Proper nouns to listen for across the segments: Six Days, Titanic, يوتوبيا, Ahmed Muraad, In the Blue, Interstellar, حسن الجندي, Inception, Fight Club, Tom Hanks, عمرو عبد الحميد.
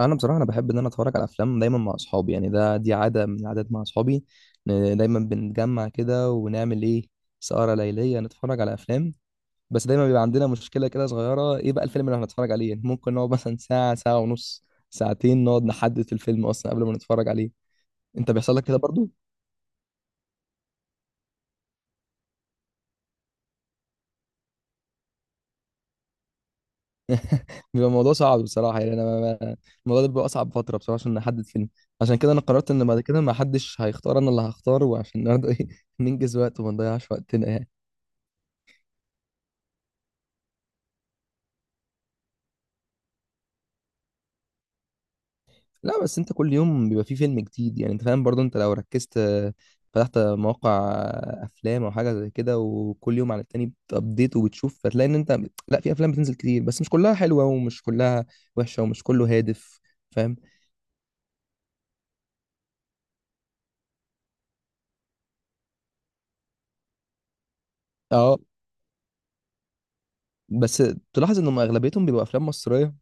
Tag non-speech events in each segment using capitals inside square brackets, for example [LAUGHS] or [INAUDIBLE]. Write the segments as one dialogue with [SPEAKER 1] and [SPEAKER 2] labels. [SPEAKER 1] انا بحب ان انا اتفرج على افلام دايما مع اصحابي، يعني دي عاده من العادات مع اصحابي، إن دايما بنتجمع كده ونعمل ايه، سهره ليليه نتفرج على افلام. بس دايما بيبقى عندنا مشكله كده صغيره، ايه بقى الفيلم اللي هنتفرج عليه. يعني ممكن نقعد مثلا ساعه ونص ساعتين نقعد نحدد في الفيلم اصلا قبل ما نتفرج عليه. انت بيحصل لك كده برضو. بيبقى الموضوع صعب بصراحه، يعني انا ما- ما- الموضوع ده بيبقى اصعب فتره بصراحه عشان نحدد فيلم. عشان كده انا قررت ان بعد كده ما حدش هيختار، انا اللي هختاره، وعشان برضه ايه [LAUGHS] ننجز وقت وما نضيعش وقتنا يعني. لا، بس انت كل يوم بيبقى فيه فيلم جديد يعني، انت فاهم برضو، انت لو ركزت، فتحت مواقع افلام او حاجه زي كده وكل يوم على التاني بتابديت وبتشوف، هتلاقي ان انت، لا في افلام بتنزل كتير بس مش كلها حلوه ومش كلها وحشه ومش كله هادف. فاهم. اه، بس تلاحظ ان هم اغلبيتهم بيبقوا افلام مصريه،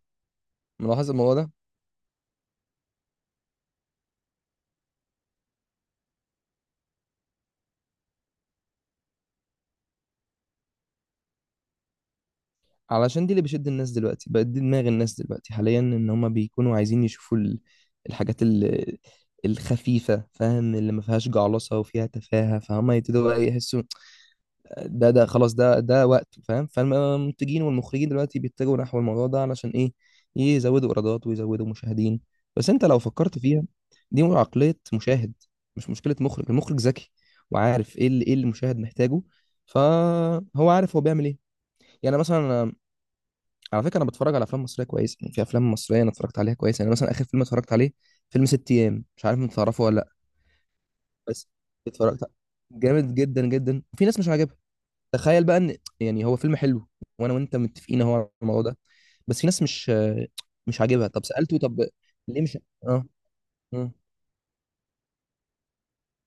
[SPEAKER 1] ملاحظ الموضوع ده. علشان دي اللي بيشد الناس دلوقتي، بقت دي دماغ الناس دلوقتي حاليا، ان هما بيكونوا عايزين يشوفوا الحاجات الخفيفة، فاهم، اللي ما فيهاش جعلصة وفيها تفاهة، فهم يبتدوا بقى يحسوا ده خلاص ده وقته، فاهم. فالمنتجين والمخرجين دلوقتي بيتجهوا نحو الموضوع ده، علشان ايه؟ يزودوا ايرادات ويزودوا مشاهدين. بس انت لو فكرت فيها، دي عقلية مشاهد، مش مشكلة مخرج. المخرج ذكي وعارف ايه اللي المشاهد محتاجه، فهو عارف هو بيعمل ايه. يعني مثلا، على فكره انا بتفرج على افلام مصريه كويسه، يعني في افلام مصريه انا اتفرجت عليها كويس. يعني مثلا اخر فيلم اتفرجت عليه فيلم ست ايام، مش عارف انت تعرفه ولا لا. بس اتفرجت، جامد جدا جدا. في ناس مش عاجبها. تخيل بقى ان يعني هو فيلم حلو، وانا وانت متفقين اهو على الموضوع ده، بس في ناس مش عاجبها. طب سالته طب ليه مش، اه، آه.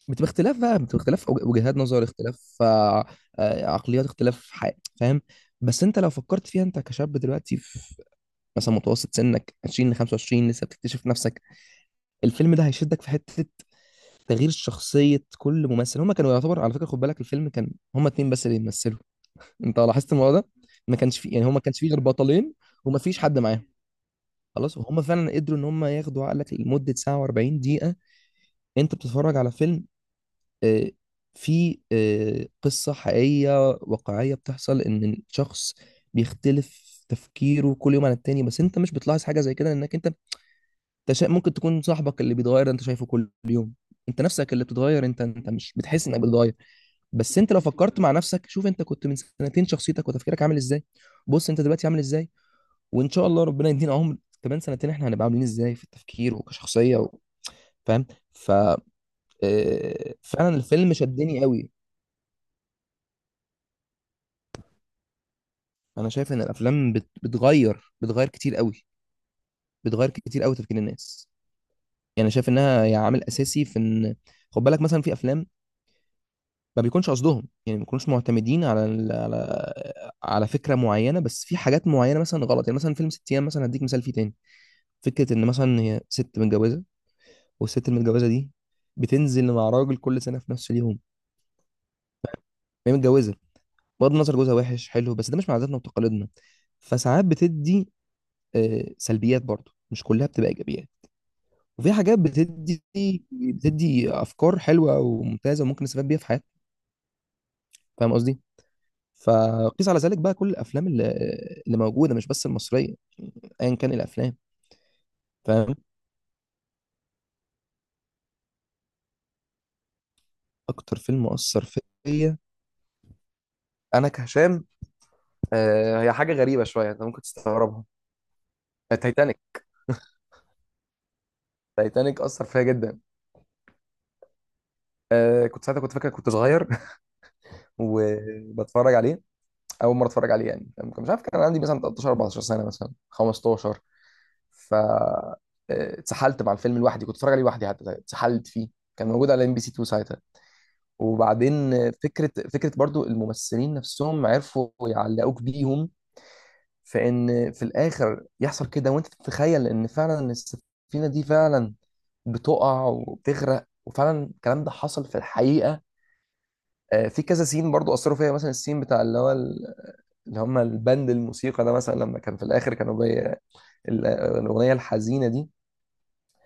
[SPEAKER 1] بتبقى اختلاف بقى، بتبقى اختلاف وجهات نظر، اختلاف عقليات، اختلاف فاهم. بس انت لو فكرت فيها، انت كشاب دلوقتي في مثلا متوسط سنك 20 ل 25، لسه بتكتشف نفسك، الفيلم ده هيشدك في حته تغيير شخصيه كل ممثل. هما كانوا يعتبر، على فكره خد بالك، الفيلم كان هما اتنين بس اللي بيمثلوا، انت لاحظت الموضوع ده. ما كانش فيه، يعني هما ما كانش فيه غير بطلين وما فيش حد معاهم، خلاص. وهم فعلا قدروا ان هم ياخدوا عقلك لمده ساعه و40 دقيقه. انت بتتفرج على فيلم، آه، في قصه حقيقيه واقعيه بتحصل، ان الشخص بيختلف تفكيره كل يوم عن التاني، بس انت مش بتلاحظ حاجه زي كده لانك انت، ممكن تكون صاحبك اللي بيتغير انت شايفه كل يوم، انت نفسك اللي بتتغير، انت مش بتحس انك بتتغير. بس انت لو فكرت مع نفسك، شوف انت كنت من سنتين شخصيتك وتفكيرك عامل ازاي، بص انت دلوقتي عامل ازاي، وان شاء الله ربنا يدينا عمر كمان سنتين احنا هنبقى عاملين ازاي في التفكير وكشخصية و... فاهم. ف فعلا الفيلم شدني قوي. انا شايف ان الافلام بت... بتغير بتغير كتير قوي، بتغير كتير قوي تفكير الناس. يعني شايف انها يعني عامل اساسي في ان، خد بالك مثلا، في افلام ما بيكونش قصدهم، يعني ما بيكونوش معتمدين على على على فكره معينه، بس في حاجات معينه مثلا غلط، يعني مثلا فيلم ست ايام مثلا هديك مثال فيه تاني، فكره ان مثلا هي ست متجوزه والست المتجوزه دي بتنزل مع راجل كل سنه في نفس اليوم، هي متجوزه، بغض النظر جوزها وحش حلو، بس ده مش من عاداتنا وتقاليدنا. فساعات بتدي سلبيات برضه، مش كلها بتبقى ايجابيات. وفي حاجات بتدي افكار حلوه وممتازه وممكن نستفاد بيها في حياتنا، فاهم قصدي؟ فقيس على ذلك بقى كل الافلام اللي موجوده، مش بس المصريه، ايا كان الافلام. فاهم. اكتر فيلم اثر فيا انا كهشام، آه، هي حاجه غريبه شويه انت ممكن تستغربها، تايتانيك. تايتانيك اثر فيا جدا. آه كنت ساعتها، كنت فاكر كنت صغير [LAUGHS] وبتفرج عليه، اول مره اتفرج عليه يعني، فاهم؟ مش عارف كان عندي مثلا 13 14 سنه، مثلا 15. ف اتسحلت مع الفيلم لوحدي، كنت اتفرج عليه لوحدي حتى اتسحلت فيه، كان موجود على ام بي سي 2 ساعتها. وبعدين فكرة برضو الممثلين نفسهم عرفوا يعلقوك بيهم، في ان في الاخر يحصل كده، وانت تتخيل ان فعلا إن السفينة دي فعلا بتقع وبتغرق، وفعلا الكلام ده حصل في الحقيقة. آه، في كذا سين برضو اثروا فيا، مثلا السين بتاع اللي هو اللي هم البند الموسيقى ده، مثلا لما كان في الاخر كانوا ال- الاغنية الحزينة دي،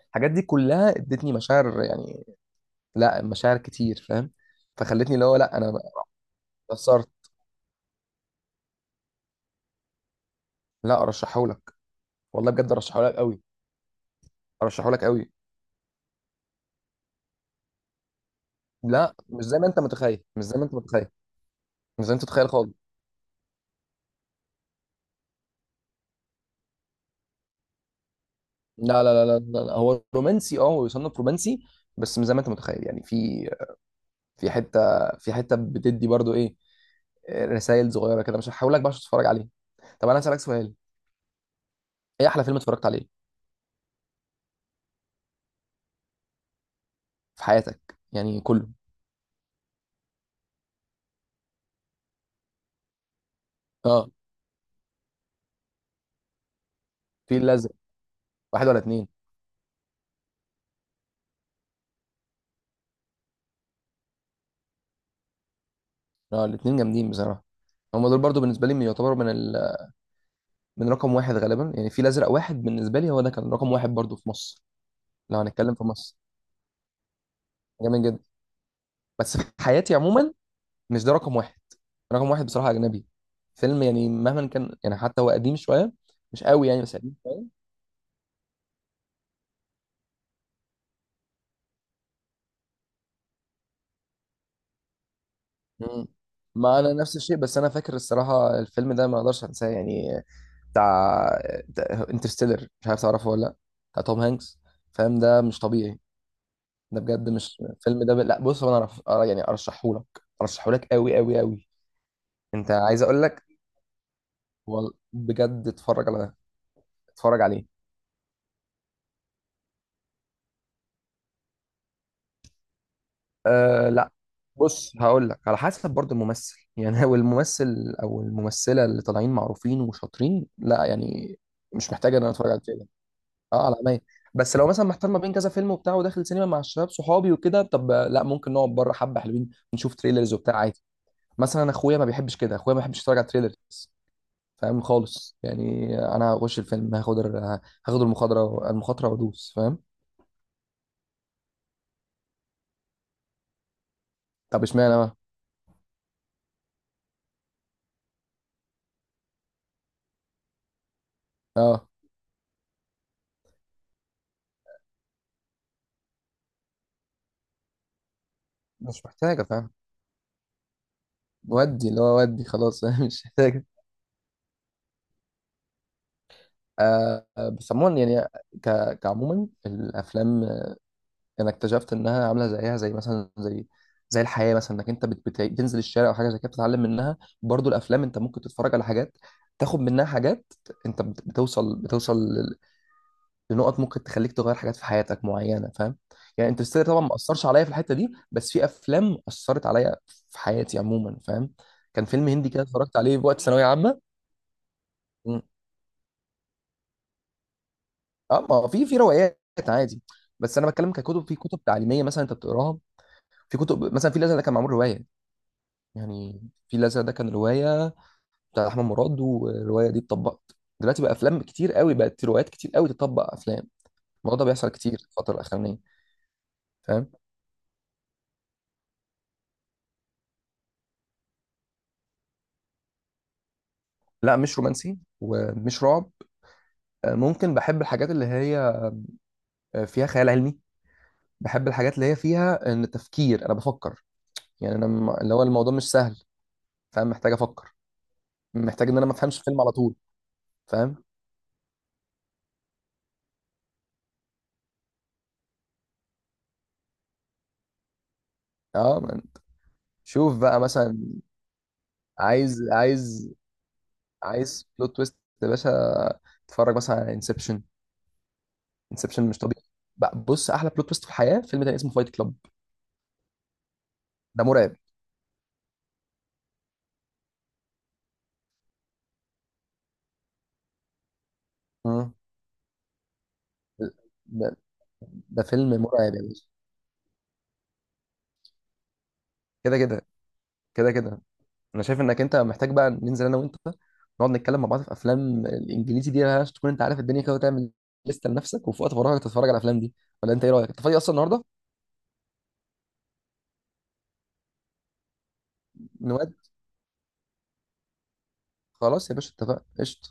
[SPEAKER 1] الحاجات دي كلها ادتني مشاعر يعني، لا مشاعر كتير فاهم. فخلتني اللي هو، لا انا اتأثرت. لا ارشحهولك، والله بجد ارشحه لك قوي، ارشحه لك قوي. لا مش زي ما انت متخيل، مش زي ما انت متخيل مش زي ما انت متخيل خالص. لا. هو رومانسي، اه هو يصنف رومانسي، بس مش زي ما انت متخيل يعني، في في حته، في حته بتدي برضو ايه رسائل صغيره كده، مش هحاول لك بقى عشان تتفرج عليه. طب انا هسالك سؤال، ايه احلى فيلم اتفرجت عليه في حياتك يعني كله. اه، في الازرق واحد ولا اتنين؟ اه الاتنين جامدين بصراحه. هم دول برضو بالنسبه لي يعتبروا من رقم واحد غالبا، يعني في الازرق واحد بالنسبه لي هو ده كان رقم واحد برضو في مصر، لو هنتكلم في مصر. جامد جدا. بس في حياتي عموما مش ده رقم واحد. رقم واحد بصراحة أجنبي فيلم، يعني مهما كان، يعني حتى هو قديم شوية، مش قوي يعني بس قديم شوية. مم. ما أنا نفس الشيء، بس أنا فاكر الصراحة الفيلم ده ما أقدرش أنساه يعني، بتاع انترستيلر، مش عارف تعرفه ولا لأ، بتاع توم هانكس. فاهم، ده مش طبيعي. ده بجد مش الفيلم ده لا بص، هو أنا يعني أرشحه لك، أرشحه لك قوي قوي قوي. أنت عايز أقول لك، هو بجد اتفرج على ده، اتفرج عليه. أه لا، بص هقول لك على حسب برضو الممثل [LAUGHS] يعني هو الممثل او الممثله اللي طالعين معروفين وشاطرين، لا يعني مش محتاج ان انا اتفرج على كده. اه على عينيا. بس لو مثلا محتار ما بين كذا فيلم وبتاع، وداخل سينما مع الشباب صحابي وكده، طب لا ممكن نقعد بره حبه حلوين نشوف تريلرز وبتاع عادي. مثلا أنا اخويا ما بيحبش كده، اخويا ما بيحبش يتفرج على تريلر، فاهم خالص. يعني انا هخش الفيلم، هاخد المخاطره وادوس فاهم. طب اشمعنى بقى؟ اه مش محتاجه فاهم. ودي اللي هو ودي خلاص [LAUGHS] مش محتاج. آه بس عموما يعني، كعموما الافلام، آه، انا اكتشفت انها عامله زيها زي مثلا، زي زي الحياه مثلا، انك انت بتنزل الشارع او حاجه زي كده بتتعلم منها، برضو الافلام انت ممكن تتفرج على حاجات، تاخد منها حاجات. انت بتوصل لنقط ممكن تخليك تغير حاجات في حياتك معينه، فاهم. يعني انترستيلر طبعا ما اثرش عليا في الحته دي، بس في افلام اثرت عليا في حياتي عموما، فاهم. كان فيلم هندي كده اتفرجت عليه في وقت ثانويه عامه. إمم. اه، ما هو في في روايات عادي، بس انا بتكلم ككتب، في كتب تعليميه مثلا انت بتقراها. في كتب، مثلا في الازرق ده كان معمول روايه، يعني في الازرق ده كان روايه بتاع احمد مراد، والروايه دي اتطبقت. دلوقتي بقى افلام كتير قوي بقت، روايات كتير قوي تطبق افلام، الموضوع ده بيحصل كتير في الفتره الاخرانيه. فاهم. لا مش رومانسي ومش رعب، آه، ممكن بحب الحاجات اللي هي فيها خيال علمي. بحب الحاجات اللي هي فيها ان تفكير، انا بفكر يعني، اللي هو الموضوع مش سهل فاهم، محتاج افكر، محتاج ان انا ما افهمش فيلم على طول، فاهم. اه من. شوف بقى مثلا، عايز عايز بلوت تويست يا باشا، اتفرج مثلا على انسبشن. انسبشن مش طبيعي. بقى بص، احلى بلوت تويست في الحياه فيلم تاني اسمه فايت كلاب. ده مرعب. مم. ده, ده فيلم مرعب يا باشا. كده كده كده كده انا شايف انك انت محتاج بقى ننزل انا وانت، نقعد نتكلم مع بعض في افلام الانجليزي دي عشان تكون انت عارف الدنيا كده، وتعمل لسته لنفسك وفي وقت فراغك تتفرج على الافلام دي. ولا انت ايه رايك، انت فاضي اصلا النهارده؟ نواد، خلاص يا باشا اتفقنا، قشطه.